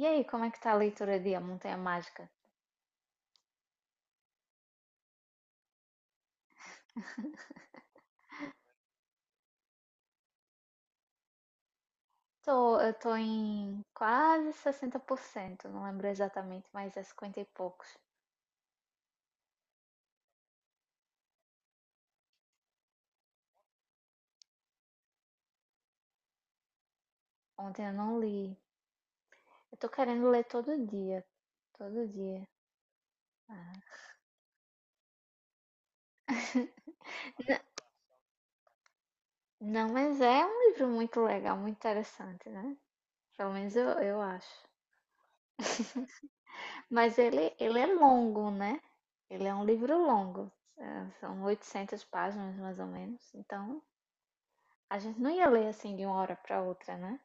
E aí, como é que tá a leitura de A Montanha Mágica? Eu tô em quase 60%, não lembro exatamente, mas é 50 e poucos. Ontem eu não li. Eu tô querendo ler todo dia, todo dia. Não, mas é um livro muito legal, muito interessante, né? Pelo menos eu acho. Mas ele é longo, né? Ele é um livro longo. É, são 800 páginas, mais ou menos. Então, a gente não ia ler assim de uma hora para outra, né?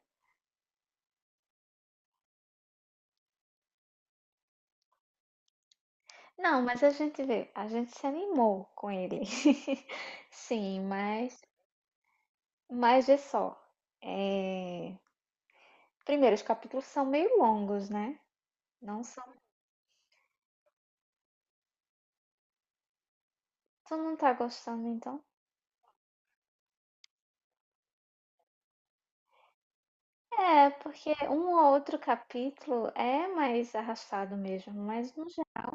Não, mas a gente vê, a gente se animou com ele. Sim, mas vê só. É. Primeiro, os capítulos são meio longos, né? Não são. Tu não tá gostando, então? É, porque um ou outro capítulo é mais arrastado mesmo, mas no geral.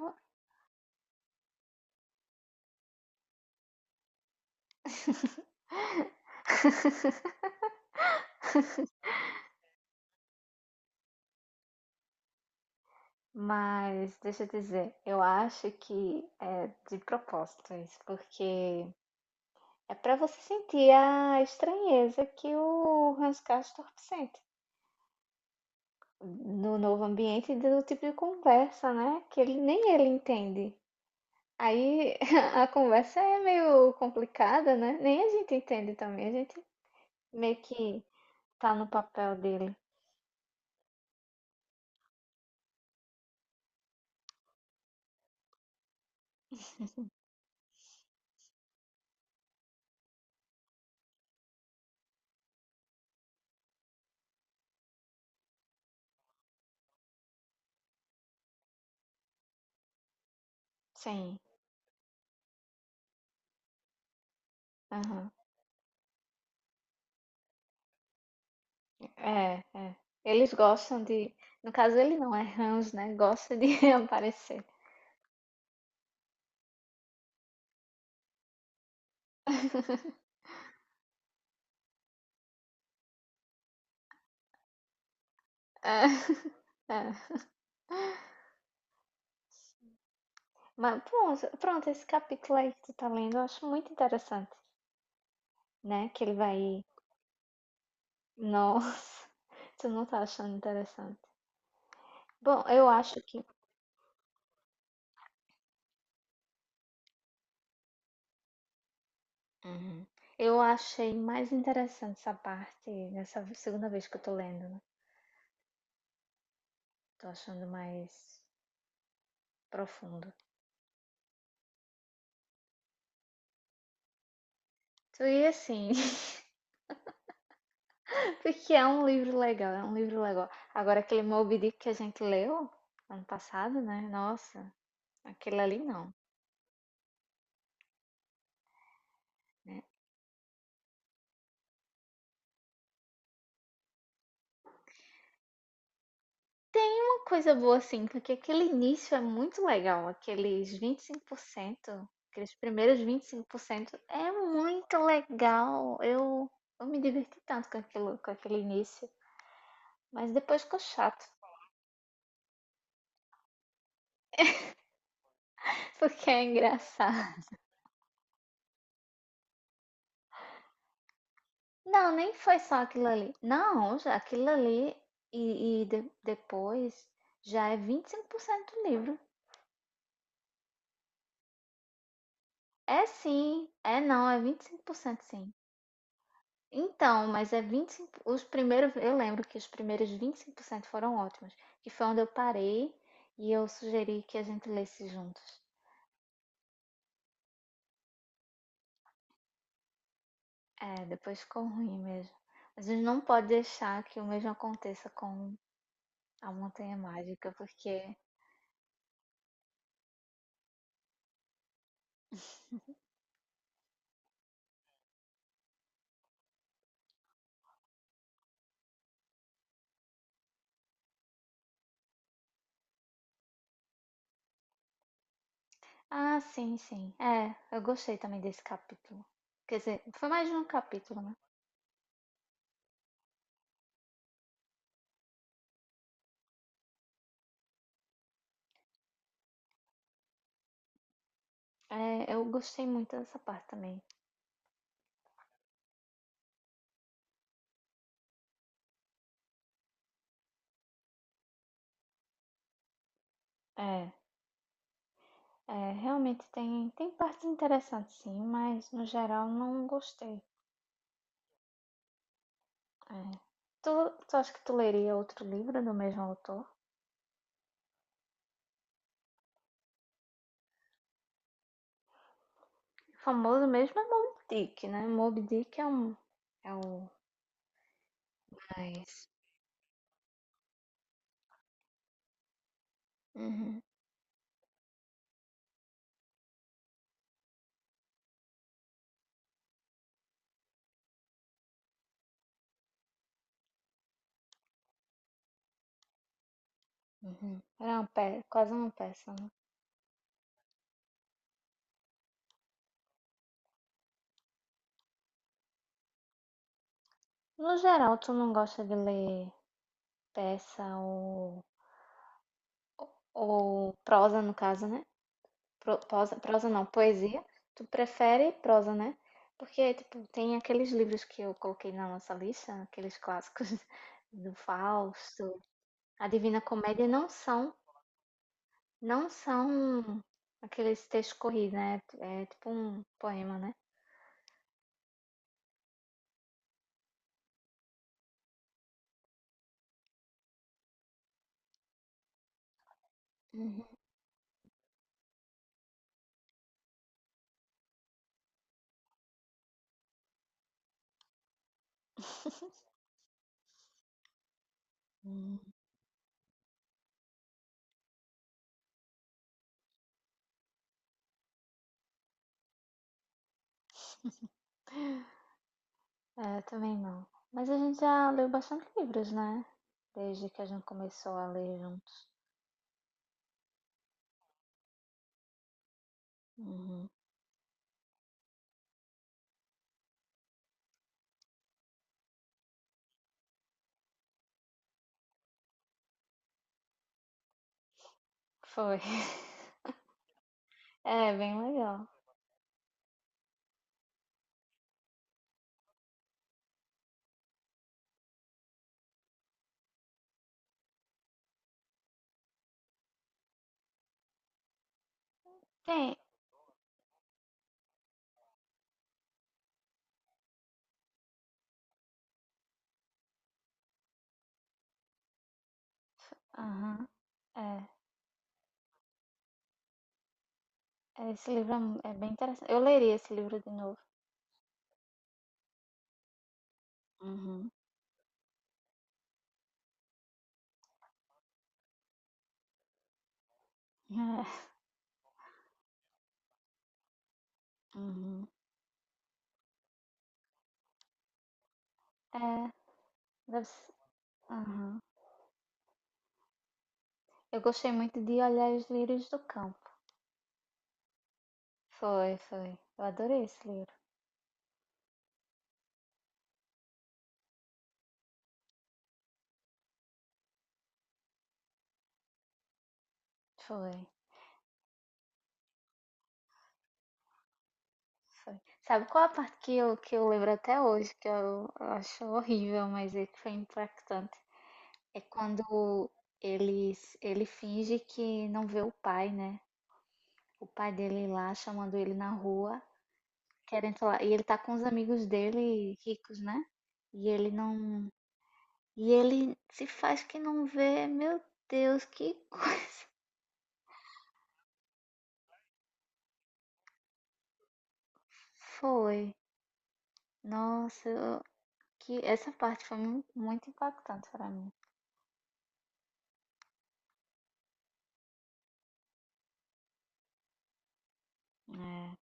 Mas deixa eu dizer, eu acho que é de propósito isso, porque é pra você sentir a estranheza que o Hans Castorp sente no novo ambiente, do tipo de conversa, né? Que ele nem ele entende. Aí a conversa é meio complicada, né? Nem a gente entende também. A gente meio que tá no papel dele. Sim, aham. É, é. Eles gostam de... No caso, ele não é Hans, né? Gosta de aparecer. É, é. Mas pronto, pronto, esse capítulo aí que tu tá lendo, eu acho muito interessante, né? Que ele vai... Nossa, tu não tá achando interessante. Bom, eu acho que... Uhum. Eu achei mais interessante essa parte nessa segunda vez que eu tô lendo, né? Tô achando mais profundo. Então, e assim, porque é um livro legal, é um livro legal. Agora aquele Moby Dick que a gente leu ano passado, né? Nossa, aquele ali não... Uma coisa boa assim, porque aquele início é muito legal, aqueles 25%, aqueles primeiros 25% é muito legal. Eu me diverti tanto com aquilo, com aquele início. Mas depois ficou chato, porque é engraçado. Não, nem foi só aquilo ali. Não, já aquilo ali e depois já é 25% do livro. É sim, é não, é 25% sim. Então, mas é 25 os primeiros, eu lembro que os primeiros 25% foram ótimos, que foi onde eu parei e eu sugeri que a gente lesse juntos. É, depois ficou ruim mesmo. Mas a gente não pode deixar que o mesmo aconteça com a Montanha Mágica, porque... Ah, sim, sim. É, eu gostei também desse capítulo. Quer dizer, foi mais de um capítulo, né? É, eu gostei muito dessa parte também. É, é, realmente tem, partes interessantes, sim, mas no geral não gostei. É. Tu, tu acha que tu leria outro livro do mesmo autor? O famoso mesmo é Moby Dick, né? Moby Dick é um, é um... Mas... Uhum, uhum. Era uma quase uma peça, né? No geral, tu não gosta de ler peça Ou prosa, no caso, né? Prosa, prosa não, poesia. Tu prefere prosa, né? Porque, tipo, tem aqueles livros que eu coloquei na nossa lista, aqueles clássicos do Fausto, a Divina Comédia, não são aqueles textos corridos, né? É tipo um poema, né? Uhum. Hum, É, eu também não. Mas a gente já leu bastante livros, né? Desde que a gente começou a ler juntos. Uhum. Foi. É, bem legal. Tem. Aham. É, é, esse livro é mu é bem interessante. Eu leria esse livro de novo. Uhum. Uhum. É, deve se... aham. Eu gostei muito de Olhar os Lírios do Campo. Foi, foi. Eu adorei esse livro. Foi. Foi. Sabe qual a parte que eu, lembro até hoje, que eu acho horrível, mas é que foi impactante? É quando ele, ele finge que não vê o pai, né? O pai dele lá chamando ele na rua, querendo falar. E ele tá com os amigos dele ricos, né? E ele não... E ele se faz que não vê. Meu Deus, que coisa... foi. Nossa, que essa parte foi muito impactante pra mim. É.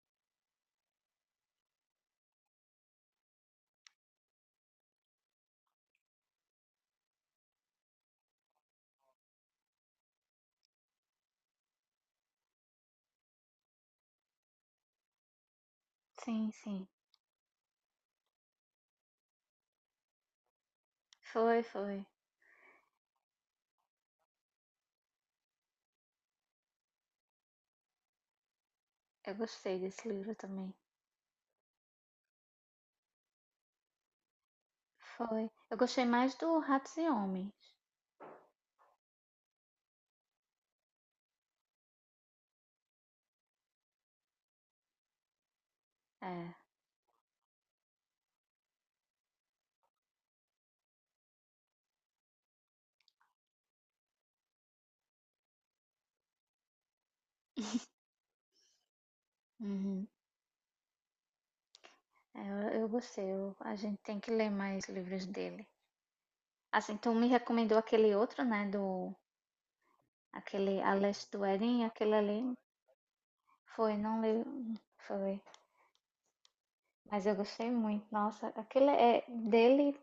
Sim, sim. Foi, foi. Eu gostei desse livro também. Foi. Eu gostei mais do Ratos e Homens. É. Uhum. É, eu gostei. A gente tem que ler mais livros dele. Assim, tu me recomendou aquele outro, né? Do... aquele A Leste do Éden, aquele ali foi, não lembro, foi, mas eu gostei muito. Nossa, aquele é dele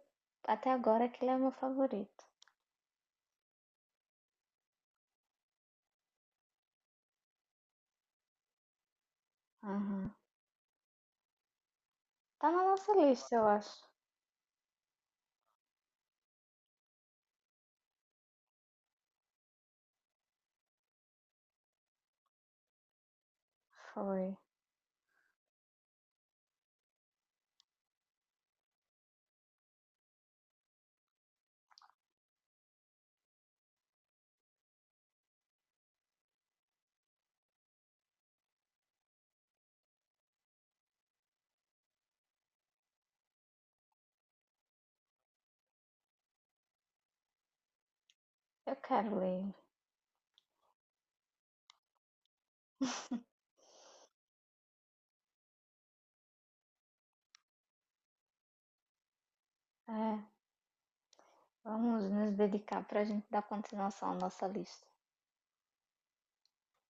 até agora, aquele é meu favorito. Uhum. Tá na nossa lista, eu acho. Foi. Eu quero ler. É, vamos nos dedicar pra gente dar continuação à nossa lista.